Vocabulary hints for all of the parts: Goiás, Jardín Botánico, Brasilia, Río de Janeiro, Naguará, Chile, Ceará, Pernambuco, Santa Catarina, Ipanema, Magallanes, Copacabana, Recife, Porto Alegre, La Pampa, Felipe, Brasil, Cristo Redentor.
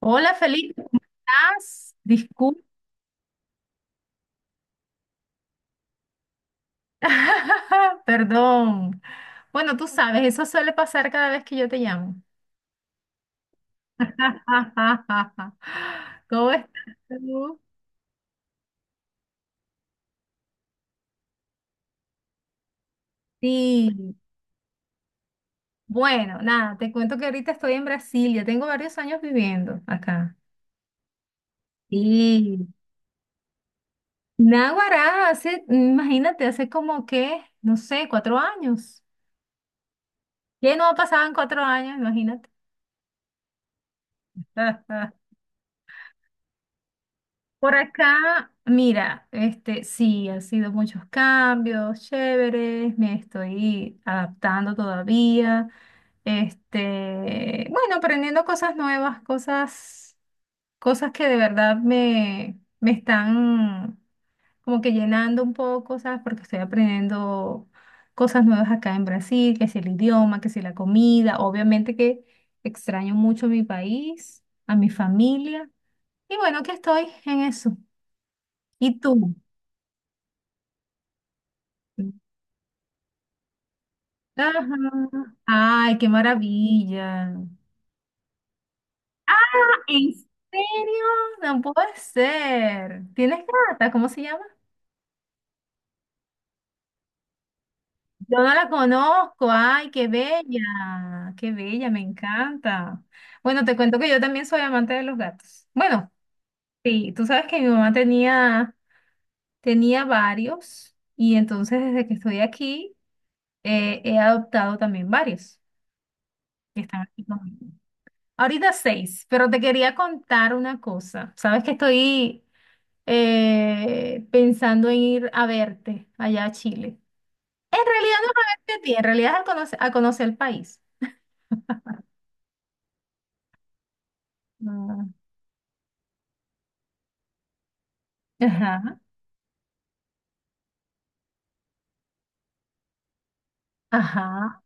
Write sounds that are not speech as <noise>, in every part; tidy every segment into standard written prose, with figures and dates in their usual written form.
Hola, Felipe, ¿cómo ¿estás? Disculpa, <laughs> perdón. Bueno, tú sabes, eso suele pasar cada vez que yo te llamo. <laughs> ¿Cómo estás tú? Sí, bueno, nada, te cuento que ahorita estoy en Brasil, ya tengo varios años viviendo acá. Y Naguará, hace, imagínate, hace como que, no sé, 4 años. ¿Qué no ha pasado en 4 años? Imagínate. <laughs> Por acá, mira, sí, han sido muchos cambios, chéveres, me estoy adaptando todavía. Bueno, aprendiendo cosas nuevas, cosas que de verdad me están como que llenando un poco, ¿sabes? Porque estoy aprendiendo cosas nuevas acá en Brasil, que si el idioma, que si la comida, obviamente que extraño mucho mi país, a mi familia, y bueno, que estoy en eso. ¿Y tú? Ajá. Ay, qué maravilla. ¿En serio? No puede ser. ¿Tienes gata? ¿Cómo se llama? Yo no la conozco. Ay, qué bella. Qué bella, me encanta. Bueno, te cuento que yo también soy amante de los gatos. Bueno, sí, tú sabes que mi mamá tenía, tenía varios y entonces desde que estoy aquí he adoptado también varios que están aquí conmigo. Ahorita seis, pero te quería contar una cosa. Sabes que estoy pensando en ir a verte allá a Chile. En realidad no es a verte a ti, en realidad es a conocer el país. Ah, ajá, ajá.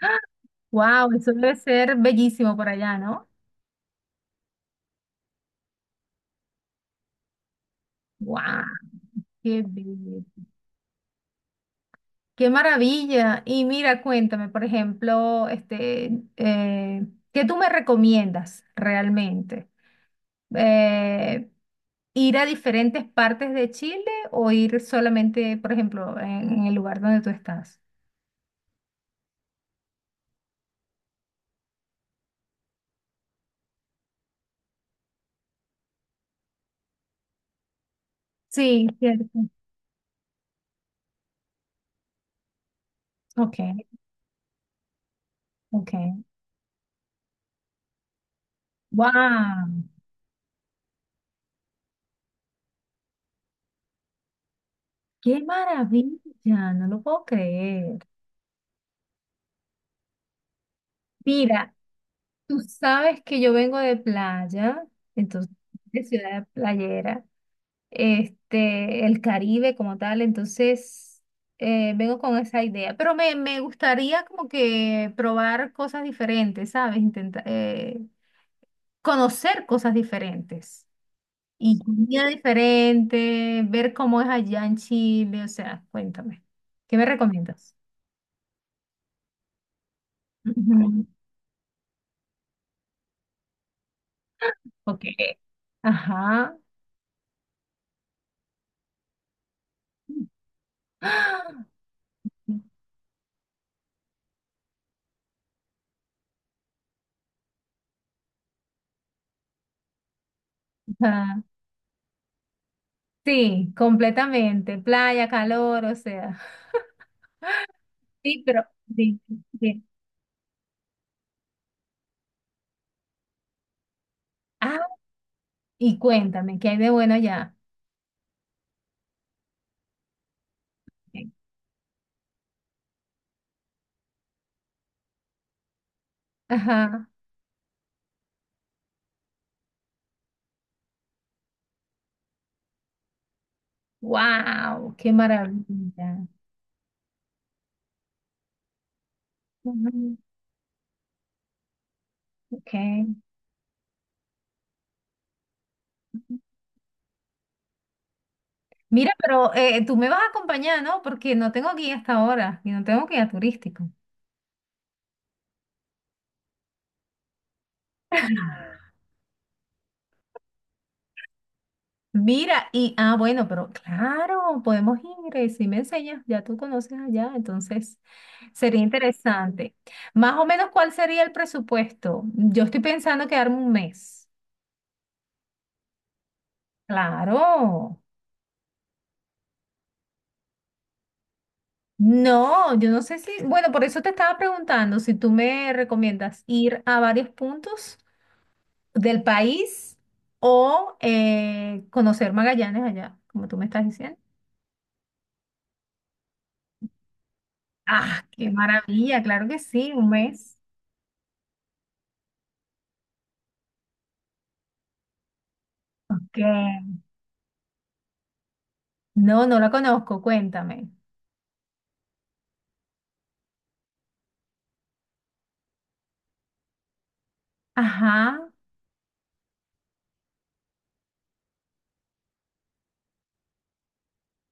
<gasps> Wow, eso debe ser bellísimo por allá, ¿no? Wow, qué bello. Qué maravilla. Y mira, cuéntame, por ejemplo, eh, ¿qué tú me recomiendas realmente? Eh, ¿Ir a diferentes partes de Chile o ir solamente, por ejemplo, en el lugar donde tú estás? Sí, cierto. Ok, ok. ¡Wow! ¡Qué maravilla! No lo puedo creer. Mira, tú sabes que yo vengo de playa, entonces, de ciudad playera. El Caribe como tal, entonces vengo con esa idea, pero me gustaría como que probar cosas diferentes, ¿sabes? Intentar conocer cosas diferentes y comida diferente, ver cómo es allá en Chile, o sea, cuéntame, ¿qué me recomiendas? Ujú. Ok, ajá. <gasps> ¡Ah! Ajá. Sí, completamente, playa, calor, o sea. Sí, pero sí, sí. Y cuéntame, ¿qué hay de bueno allá? Ajá. Wow, qué maravilla. Ujú, ok. Mira, pero tú me vas a acompañar, ¿no? Porque no tengo guía hasta ahora y no tengo guía turístico. Mira, y bueno, pero claro, podemos ir, si me enseñas, ya tú conoces allá, entonces sería interesante. Más o menos, ¿cuál sería el presupuesto? Yo estoy pensando quedarme un mes. Claro. No, yo no sé si, bueno, por eso te estaba preguntando si tú me recomiendas ir a varios puntos del país o conocer Magallanes allá, como tú me estás diciendo. Ah, qué maravilla, claro que sí, un mes. Ok. No, no la conozco, cuéntame. Ajá,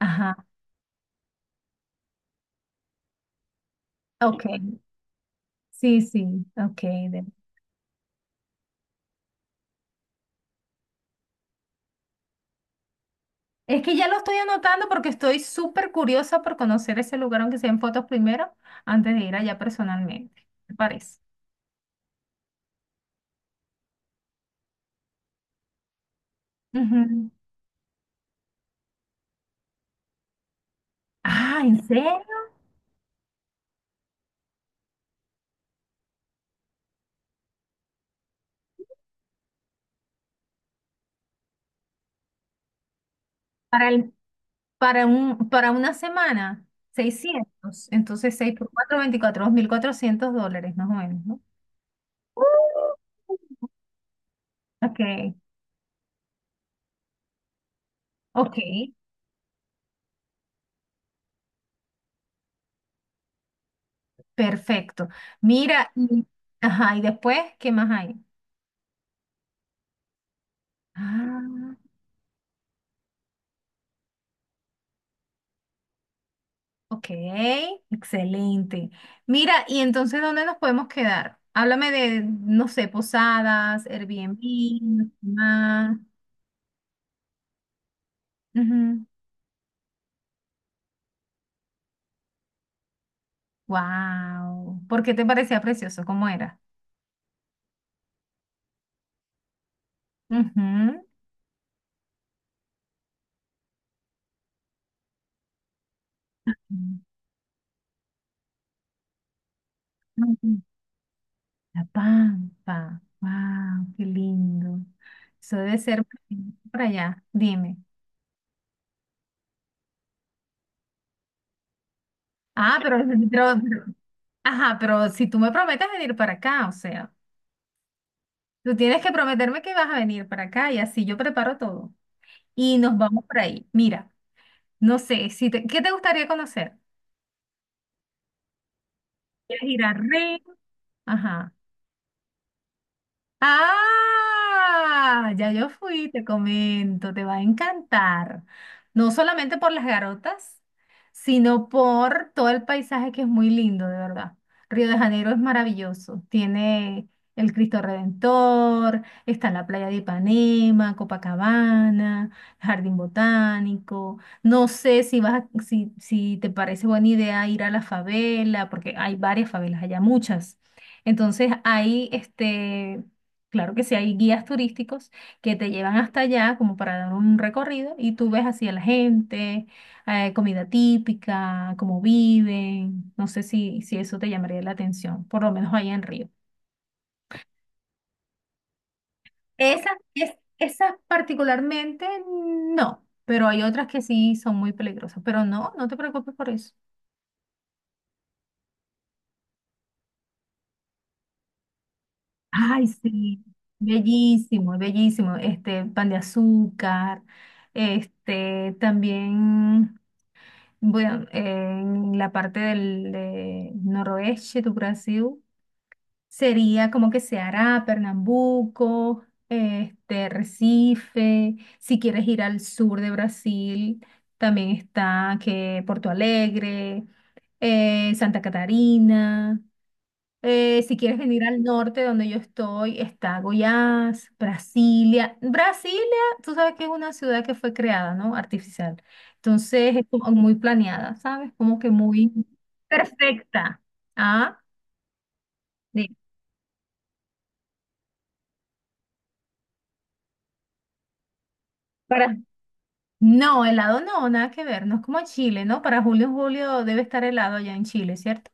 ajá, ok. Sí, sí, ok. de- Es que ya lo estoy anotando porque estoy súper curiosa por conocer ese lugar, aunque sean fotos primero, antes de ir allá personalmente. ¿Te parece? Ujú. Ah, ¿en serio? Para el, para un, Para una semana, 600. Entonces, 6 por cuatro 24 $2.400, más o menos, ¿no? Uh. Ok, ok, perfecto. Mira, y, ajá, y después, ¿qué más hay? Ah, ok, excelente. Mira, y entonces, ¿dónde nos podemos quedar? Háblame de, no sé, posadas, Airbnb, no sé más. Wow. ¿Por qué te parecía precioso? ¿Cómo era? Ujú. Ujú. La Pampa. Wow, qué lindo. Eso debe ser para allá. Dime. Ah, pero- ajá, pero si tú me prometes venir para acá, o sea, tú tienes que prometerme que vas a venir para acá y así yo preparo todo. Y nos vamos por ahí. Mira, no sé, si te- ¿qué te gustaría conocer? ¿Quieres ir a Río? Ajá. Ah, ya yo fui, te comento, te va a encantar. No solamente por las garotas, sino por todo el paisaje que es muy lindo, de verdad. Río de Janeiro es maravilloso. Tiene el Cristo Redentor, está la playa de Ipanema, Copacabana, Jardín Botánico. No sé si vas a- si, si te parece buena idea ir a la favela, porque hay varias favelas, allá muchas. Entonces, hay. Claro que sí, hay guías turísticos que te llevan hasta allá como para dar un recorrido y tú ves así a la gente, comida típica, cómo viven. No sé si eso te llamaría la atención, por lo menos allá en Río. Esas particularmente no, pero hay otras que sí son muy peligrosas. Pero no, no te preocupes por eso. Ay, sí, bellísimo, bellísimo. Pan de azúcar, también. Bueno, en la parte del de noroeste do Brasil sería como que Ceará, Pernambuco, Recife. Si quieres ir al sur de Brasil, también está que Porto Alegre, Santa Catarina. Si quieres venir al norte donde yo estoy, está Goiás, Brasilia. Brasilia, tú sabes que es una ciudad que fue creada, ¿no? Artificial. Entonces es como muy planeada, ¿sabes? Como que muy perfecta. Ah, sí. Para... No, helado no, nada que ver, no es como Chile, ¿no? Para julio, julio debe estar helado allá en Chile, ¿cierto?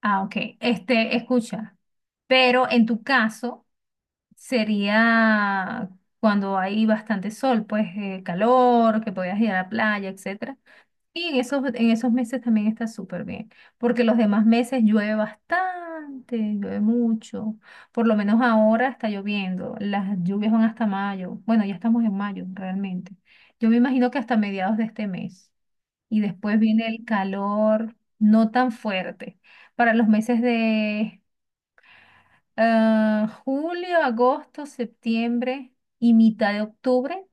Ah, ok. Escucha, pero en tu caso sería cuando hay bastante sol, pues calor, que podías ir a la playa, etcétera. Y en esos meses también está súper bien, porque los demás meses llueve bastante, llueve mucho. Por lo menos ahora está lloviendo, las lluvias van hasta mayo. Bueno, ya estamos en mayo realmente. Yo me imagino que hasta mediados de este mes. Y después viene el calor no tan fuerte. Para los meses de julio, agosto, septiembre y mitad de octubre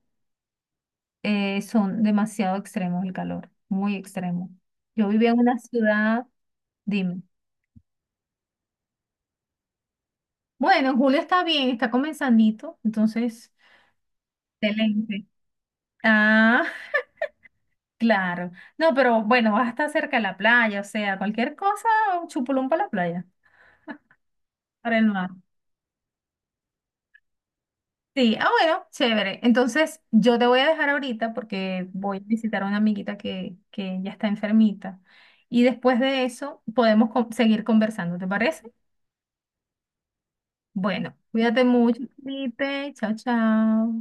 son demasiado extremos el calor, muy extremo. Yo vivía en una ciudad, dime. Bueno, en julio está bien, está comenzandito, entonces, excelente. Ah, <laughs> claro. No, pero bueno, vas a estar cerca de la playa, o sea, cualquier cosa, un chupulón para la playa, para el mar. Sí, bueno, chévere. Entonces, yo te voy a dejar ahorita porque voy a visitar a una amiguita que ya está enfermita. Y después de eso, podemos seguir conversando, ¿te parece? Bueno, cuídate mucho, Felipe. Chao, chao.